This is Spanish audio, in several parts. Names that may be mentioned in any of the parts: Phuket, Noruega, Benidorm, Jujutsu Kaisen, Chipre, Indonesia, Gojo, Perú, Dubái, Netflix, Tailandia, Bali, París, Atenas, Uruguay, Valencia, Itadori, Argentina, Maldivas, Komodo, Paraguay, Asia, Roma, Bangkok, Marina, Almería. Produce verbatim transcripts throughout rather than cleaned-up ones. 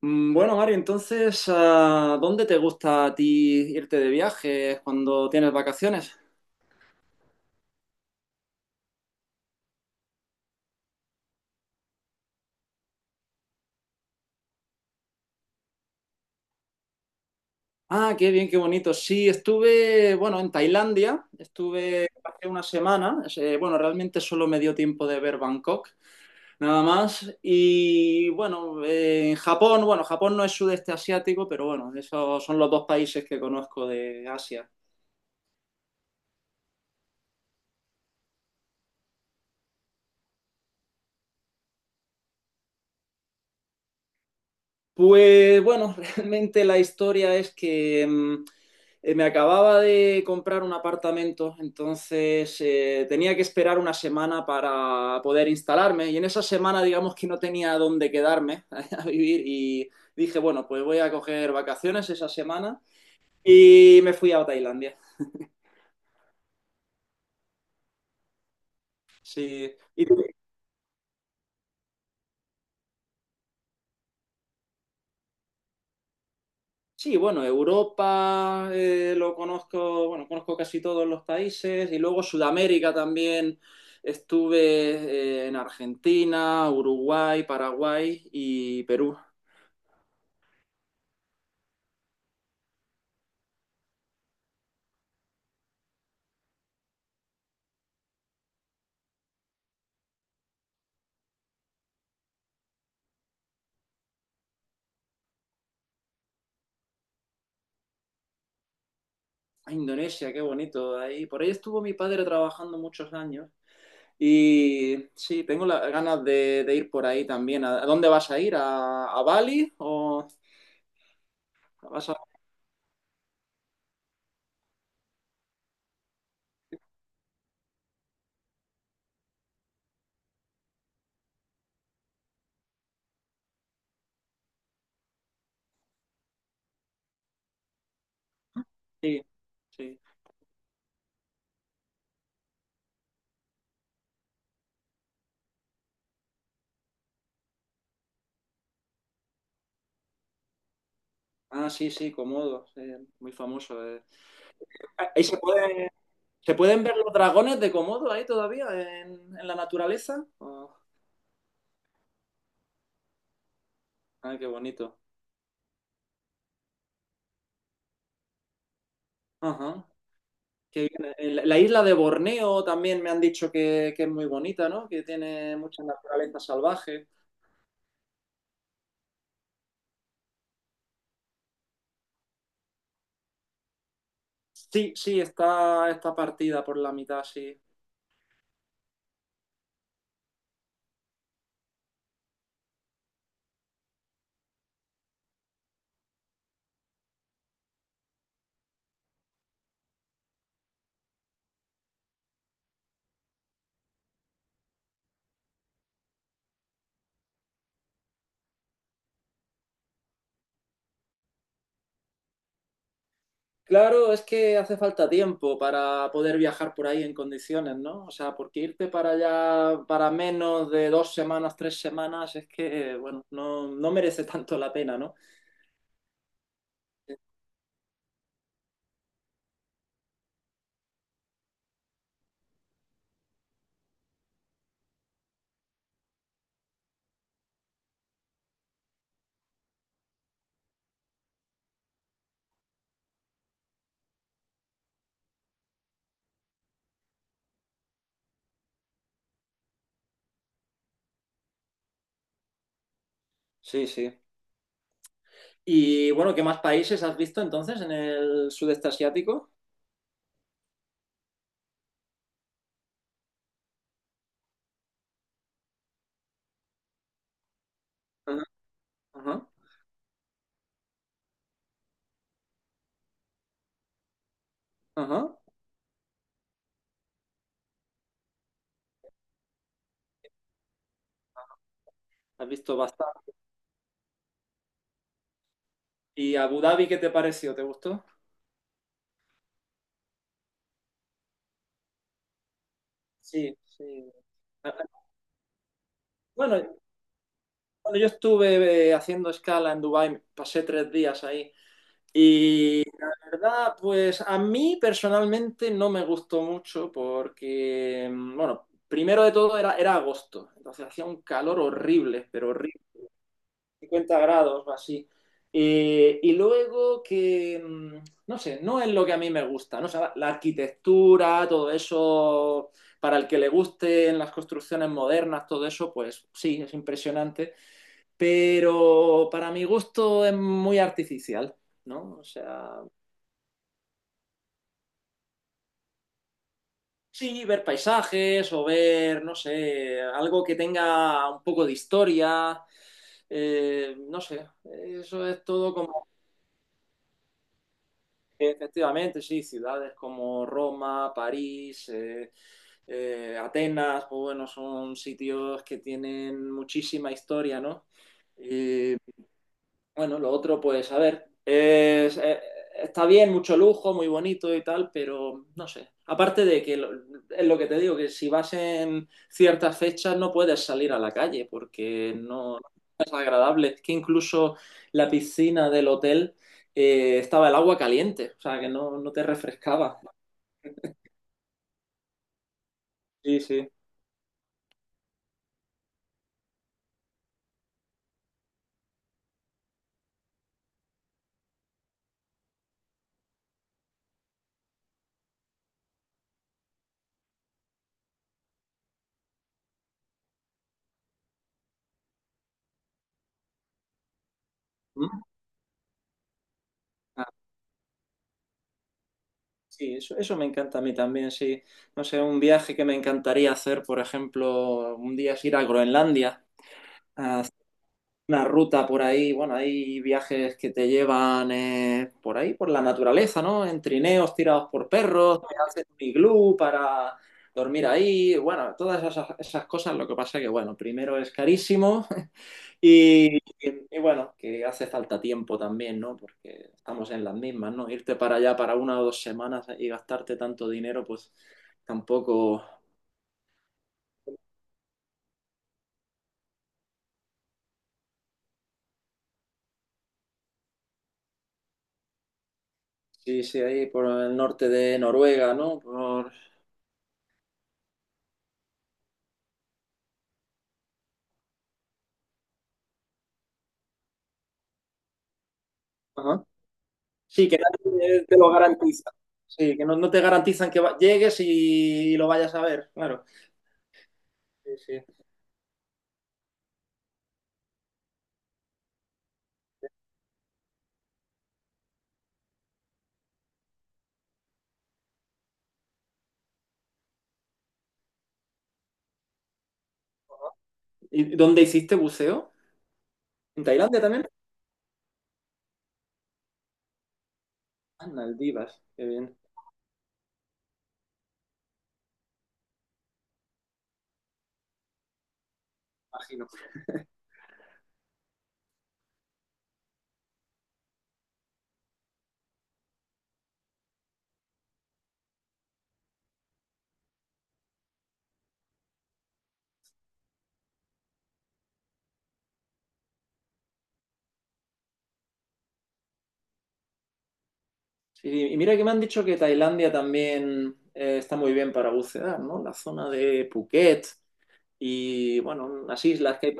Mm, Bueno, Mario, entonces, ah, ¿dónde te gusta a ti irte de viaje cuando tienes vacaciones? Ah, qué bien, qué bonito. Sí, estuve, bueno, en Tailandia, estuve hace una semana. Eh, bueno, realmente solo me dio tiempo de ver Bangkok, nada más. Y bueno, eh, en Japón, bueno, Japón no es sudeste asiático, pero bueno, esos son los dos países que conozco de Asia. Pues bueno, realmente la historia es que mm, eh, me acababa de comprar un apartamento, entonces eh, tenía que esperar una semana para poder instalarme y en esa semana digamos que no tenía dónde quedarme a vivir y dije, bueno, pues voy a coger vacaciones esa semana y me fui a Tailandia. Sí. ¿Y tú? Sí, bueno, Europa eh, lo conozco, bueno, conozco casi todos los países y luego Sudamérica también. Estuve eh, en Argentina, Uruguay, Paraguay y Perú. Ah, Indonesia, qué bonito ahí. Por ahí estuvo mi padre trabajando muchos años y sí, tengo las ganas de, de ir por ahí también. ¿A, a dónde vas a ir? ¿A, a Bali o vas a...? Sí, sí. Ah, sí, sí, Komodo, sí, muy famoso. Eh. Ahí se puede ¿Se pueden ver los dragones de Komodo ahí todavía en, en la naturaleza? Oh, ay, qué bonito. Ajá. Qué bien. Eh, La la isla de Borneo también me han dicho que, que es muy bonita, ¿no? Que tiene mucha naturaleza salvaje. Sí, sí, está, está partida por la mitad, sí. Claro, es que hace falta tiempo para poder viajar por ahí en condiciones, ¿no? O sea, porque irte para allá para menos de dos semanas, tres semanas, es que, bueno, no, no merece tanto la pena, ¿no? Sí, sí. Y bueno, ¿qué más países has visto entonces en el sudeste asiático? Ajá, ajá, ajá. Has visto bastante. ¿Y Abu Dhabi qué te pareció? ¿Te gustó? Sí, sí. Bueno, cuando yo estuve eh, haciendo escala en Dubái, pasé tres días ahí. La verdad, pues a mí personalmente no me gustó mucho porque, mm, bueno, primero de todo era, era agosto, entonces hacía un calor horrible, pero horrible. Cincuenta grados o así. Eh, y luego que, mm, no sé, no es lo que a mí me gusta, ¿no? O sea, la arquitectura, todo eso, para el que le gusten las construcciones modernas, todo eso, pues sí, es impresionante, pero para mi gusto es muy artificial, ¿no? O sea, sí, ver paisajes o ver, no sé, algo que tenga un poco de historia, eh, no sé, eso es todo como... Efectivamente, sí, ciudades como Roma, París, eh, eh, Atenas, pues bueno, son sitios que tienen muchísima historia, ¿no? Eh, bueno, lo otro, pues a ver, es- eh, está bien, mucho lujo, muy bonito y tal, pero no sé. Aparte de que lo- es lo que te digo, que si vas en ciertas fechas no puedes salir a la calle porque no, no es agradable. Es que incluso la piscina del hotel eh, estaba el agua caliente, o sea que no, no te refrescaba. Sí, sí. Mm. Ah, sí, eso, eso me encanta a mí también, sí. No sé, un viaje que me encantaría hacer, por ejemplo, un día es ir a Groenlandia. A una ruta por ahí, bueno, hay viajes que te llevan eh, por ahí, por la naturaleza, ¿no? En trineos tirados por perros, te hacen un iglú para dormir ahí, bueno, todas esas, esas cosas, lo que pasa que, bueno, primero es carísimo y, y bueno, que hace falta tiempo también, ¿no? Porque estamos en las mismas, ¿no? Irte para allá para una o dos semanas y gastarte tanto dinero, pues tampoco... Sí, sí, ahí por el norte de Noruega, ¿no? Por... Ajá. Sí, que nadie te lo garantiza. Sí, que no, no te garantizan que va- llegues y lo vayas a ver, claro. Sí, sí. ¿Y dónde hiciste buceo? ¿En Tailandia también? Ah, en Maldivas, qué bien, imagino. Sí, y mira que me han dicho que Tailandia también eh, está muy bien para bucear, ¿no? La zona de Phuket y, bueno, unas islas que hay.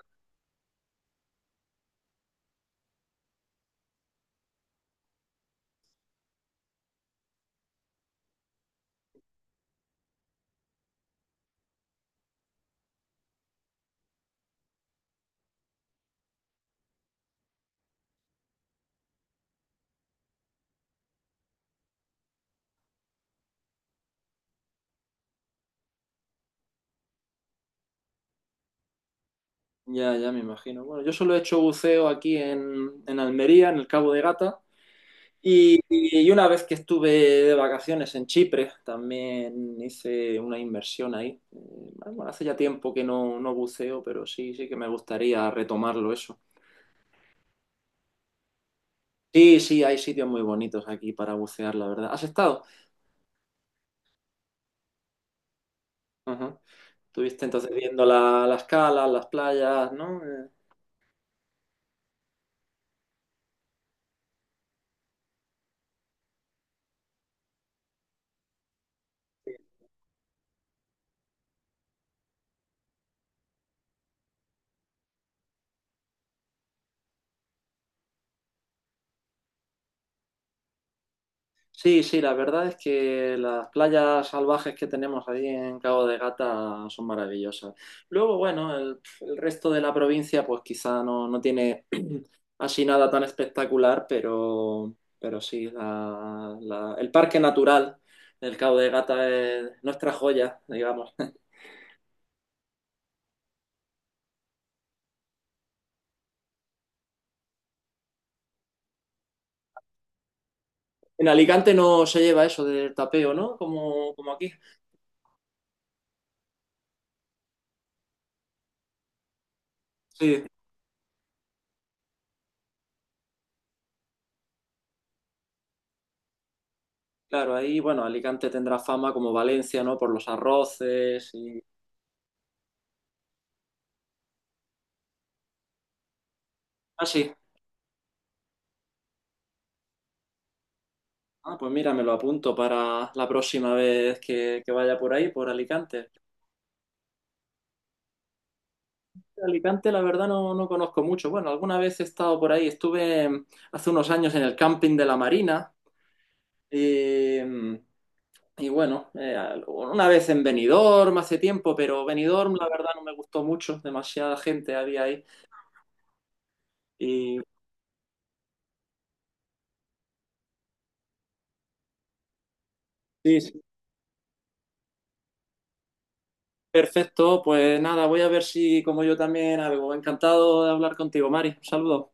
Ya, ya me imagino. Bueno, yo solo he hecho buceo aquí en, en Almería, en el Cabo de Gata. Y, y una vez que estuve de vacaciones en Chipre, también hice una inversión ahí. Eh, Bueno, hace ya tiempo que no, no buceo, pero sí, sí que me gustaría retomarlo eso. Sí, sí, hay sitios muy bonitos aquí para bucear, la verdad. ¿Has estado? Ajá. Estuviste entonces viendo la, las calas, las playas, ¿no? Eh, Sí, sí, la verdad es que las playas salvajes que tenemos ahí en Cabo de Gata son maravillosas. Luego, bueno, el, el resto de la provincia pues quizá no, no tiene así nada tan espectacular, pero, pero sí, la- la- el parque natural del Cabo de Gata es nuestra joya, digamos. En Alicante no se lleva eso del tapeo, ¿no? Como, como aquí. Sí, claro, ahí, bueno, Alicante tendrá fama como Valencia, ¿no? Por los arroces y... así. Ah, pues mira, me lo apunto para la próxima vez que, que vaya por ahí, por Alicante. Alicante, la verdad, no, no conozco mucho. Bueno, alguna vez he estado por ahí. Estuve em, hace unos años en el camping de la Marina. Y, y bueno, eh, una vez en Benidorm hace tiempo, pero Benidorm, la verdad, no me gustó mucho. Demasiada gente había ahí. Y sí, sí, perfecto. Pues nada, voy a ver si como yo también algo. Encantado de hablar contigo, Mari. Un saludo.